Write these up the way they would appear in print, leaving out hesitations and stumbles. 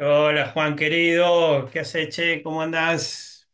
Hola Juan querido, ¿qué haces, che? ¿Cómo andás?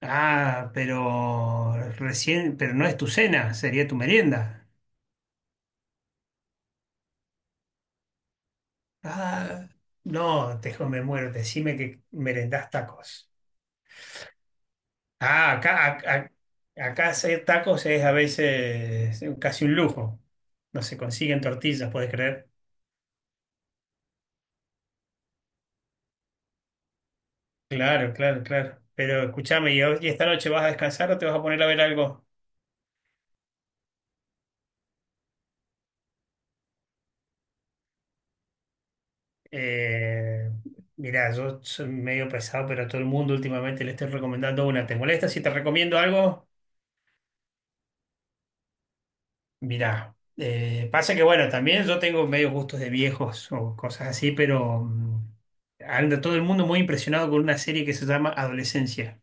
Ah, pero recién, pero no es tu cena, sería tu merienda. Ah, no, me muero, decime que merendás tacos. Ah, acá hacer tacos es a veces casi un lujo. No se consiguen tortillas, ¿podés creer? Claro, claro, claro. Pero escúchame, y esta noche vas a descansar o te vas a poner a ver algo? Eh, mirá, yo soy medio pesado, pero a todo el mundo últimamente le estoy recomendando una. ¿Te molesta si te recomiendo algo? Mirá, pasa que bueno, también yo tengo medio gustos de viejos o cosas así, pero anda todo el mundo muy impresionado con una serie que se llama Adolescencia.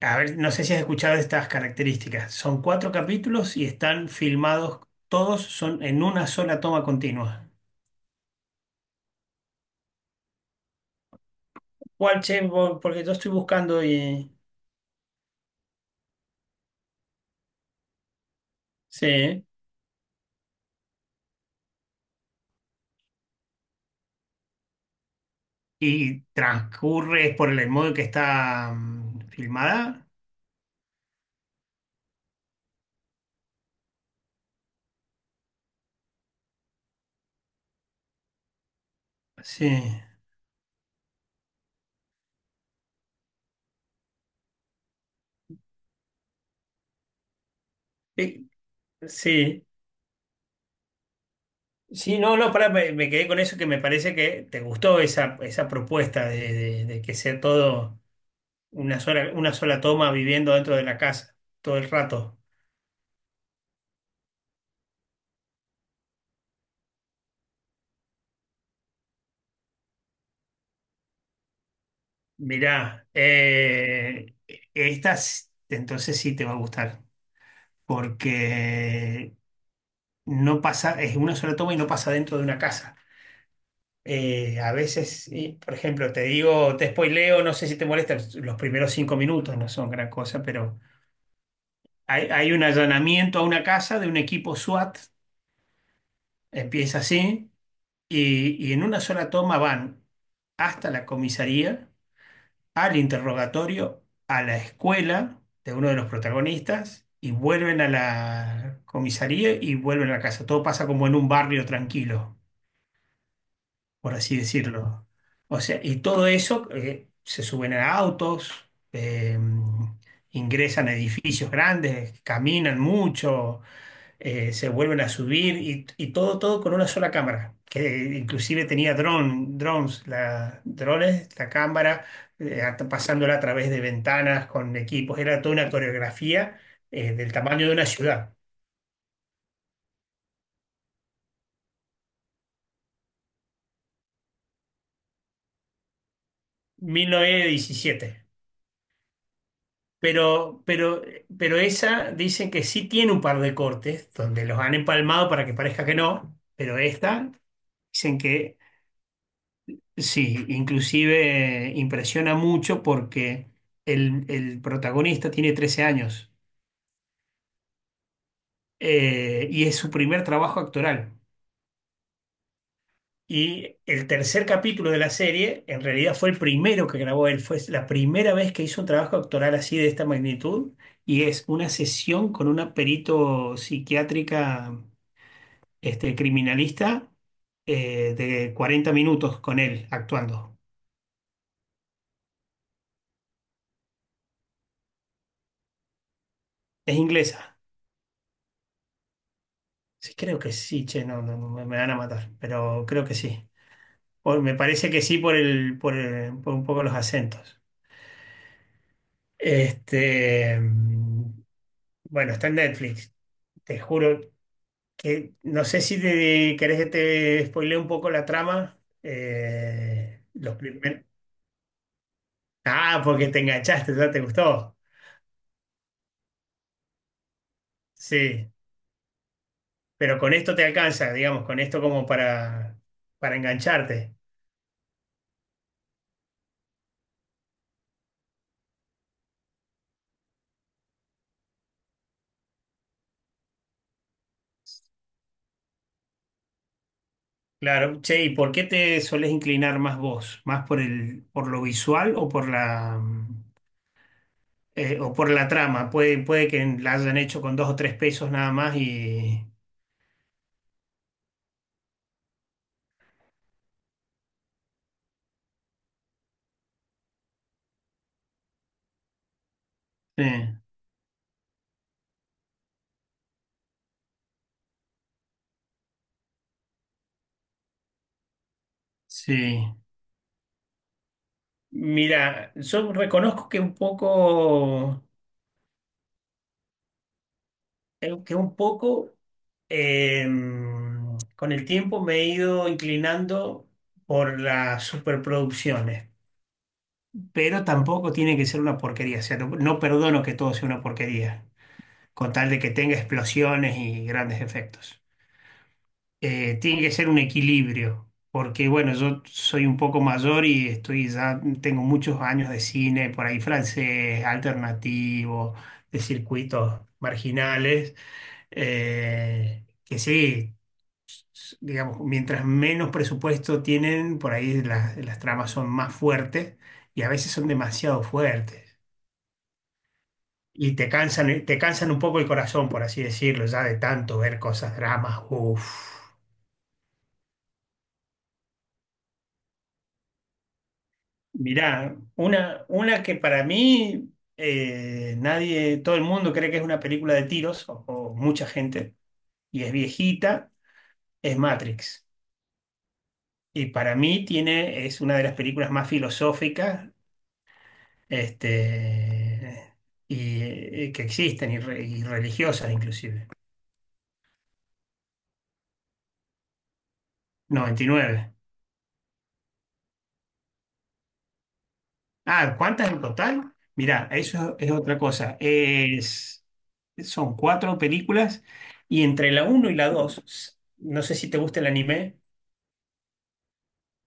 A ver, no sé si has escuchado estas características. Son 4 capítulos y están filmados, todos son en una sola toma continua. ¿Cuál, che? Porque yo estoy buscando y... Sí. Y transcurre por el modo en que está filmada. Sí. Eh, Sí. Sí, no, no, pará, me quedé con eso que me parece que te gustó esa propuesta de que sea todo una sola toma viviendo dentro de la casa todo el rato. Mirá, entonces sí te va a gustar porque no pasa, es una sola toma y no pasa dentro de una casa. A veces, y, por ejemplo, te digo, te spoileo, no sé si te molesta, los primeros 5 minutos no son gran cosa, pero hay un allanamiento a una casa de un equipo SWAT. Empieza así, y en una sola toma van hasta la comisaría, al interrogatorio, a la escuela de uno de los protagonistas, y vuelven a la comisaría y vuelven a la casa. Todo pasa como en un barrio tranquilo, por así decirlo. O sea, y todo eso se suben a autos, eh, ingresan a edificios grandes, caminan mucho, se vuelven a subir y todo con una sola cámara, que inclusive tenía dron, drones, la cámara, pasándola a través de ventanas con equipos. Era toda una coreografía del tamaño de una ciudad. 1917. Pero, pero esa dicen que sí tiene un par de cortes donde los han empalmado para que parezca que no, pero esta dicen que sí, inclusive impresiona mucho porque el protagonista tiene 13 años, y es su primer trabajo actoral. Y el tercer capítulo de la serie en realidad fue el primero que grabó él, fue la primera vez que hizo un trabajo actoral así de esta magnitud, y es una sesión con una perito psiquiátrica, este criminalista, de 40 minutos con él actuando. Es inglesa. Sí, creo que sí, che, no, no, no, me van a matar, pero creo que sí. Me parece que sí por por un poco los acentos. Este, bueno, está en Netflix. Te juro que no sé si querés que te spoilee un poco la trama. eh, los primer- Ah, porque te enganchaste, ya te gustó. Sí, pero con esto te alcanza, digamos, con esto como para engancharte. Claro, che, ¿y por qué te solés inclinar más vos? ¿Más por lo visual o o por la trama? Puede que la hayan hecho con 2 o 3 pesos nada más y... eh, sí. Mira, yo reconozco que un poco eh, con el tiempo me he ido inclinando por las superproducciones, pero tampoco tiene que ser una porquería. O sea, no perdono que todo sea una porquería, con tal de que tenga explosiones y grandes efectos. Tiene que ser un equilibrio, porque bueno, yo soy un poco mayor y estoy ya, tengo muchos años de cine, por ahí francés, alternativo, de circuitos marginales, que sí. Digamos, mientras menos presupuesto tienen, por ahí las tramas son más fuertes y a veces son demasiado fuertes. Y te cansan un poco el corazón, por así decirlo, ya de tanto ver cosas, dramas. Uf. Mirá, una que para mí nadie, todo el mundo cree que es una película de tiros, o mucha gente, y es viejita, es Matrix. Y para mí tiene, es una de las películas más filosóficas, este, y, que existen, y religiosas inclusive. 99. Ah, ¿cuántas en total? Mirá, eso es otra cosa. Son 4 películas, y entre la uno y la 2, no sé si te gusta el anime,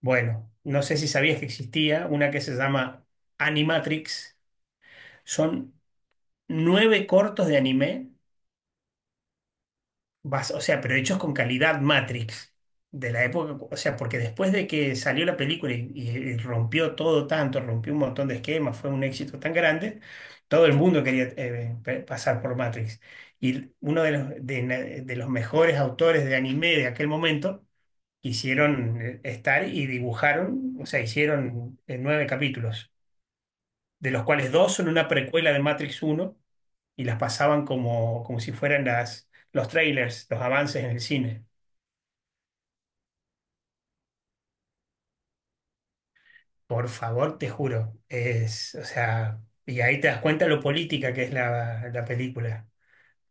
bueno, no sé si sabías que existía una que se llama Animatrix. Son 9 cortos de anime. Vas, o sea, pero hechos con calidad Matrix de la época, o sea, porque después de que salió la película y rompió todo tanto, rompió un montón de esquemas, fue un éxito tan grande, todo el mundo quería pasar por Matrix. Y uno de los mejores autores de anime de aquel momento quisieron estar y dibujaron, o sea, hicieron 9 capítulos, de los cuales dos son una precuela de Matrix uno, y las pasaban como si fueran los trailers, los avances en el cine. Por favor, te juro. Es, o sea, y ahí te das cuenta lo política que es la película,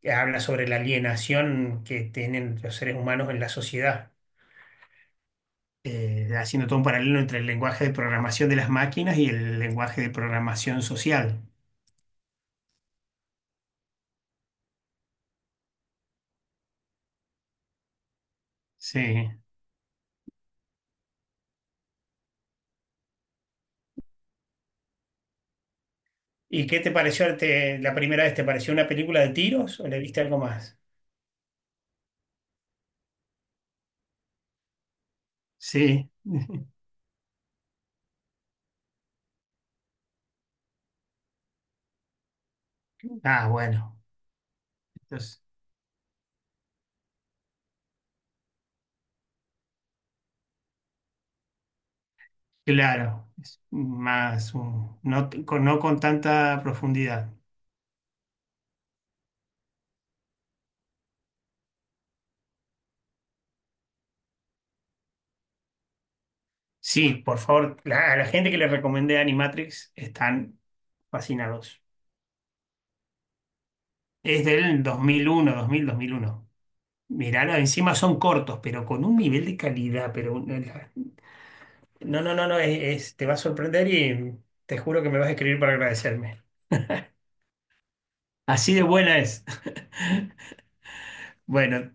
que habla sobre la alienación que tienen los seres humanos en la sociedad, haciendo todo un paralelo entre el lenguaje de programación de las máquinas y el lenguaje de programación social. Sí. ¿Y qué te pareció la primera vez? ¿Te pareció una película de tiros o le viste algo más? Sí. Ah, bueno. Entonces, claro, es más no, no con tanta profundidad. Sí, por favor, a la gente que le recomendé Animatrix están fascinados. Es del dos mil uno. Mirá, encima son cortos, pero con un nivel de calidad. Pero no, no, no, no, te va a sorprender y te juro que me vas a escribir para agradecerme. Así de buena es. Bueno,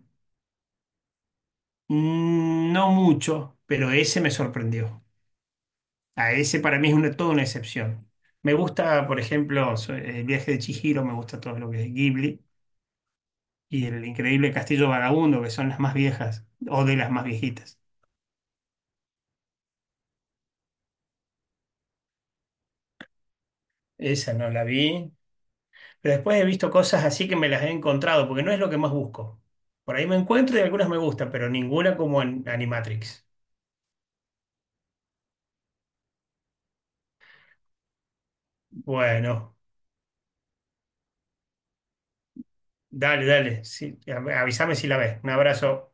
no mucho, pero ese me sorprendió. A ese para mí es una, toda una excepción. Me gusta, por ejemplo, El viaje de Chihiro, me gusta todo lo que es Ghibli. Y el increíble Castillo Vagabundo, que son las más viejas o de las más viejitas. Esa no la vi. Pero después he visto cosas así que me las he encontrado, porque no es lo que más busco. Por ahí me encuentro y algunas me gustan, pero ninguna como en Animatrix. Bueno, dale, dale. Sí, avísame si la ves. Un abrazo.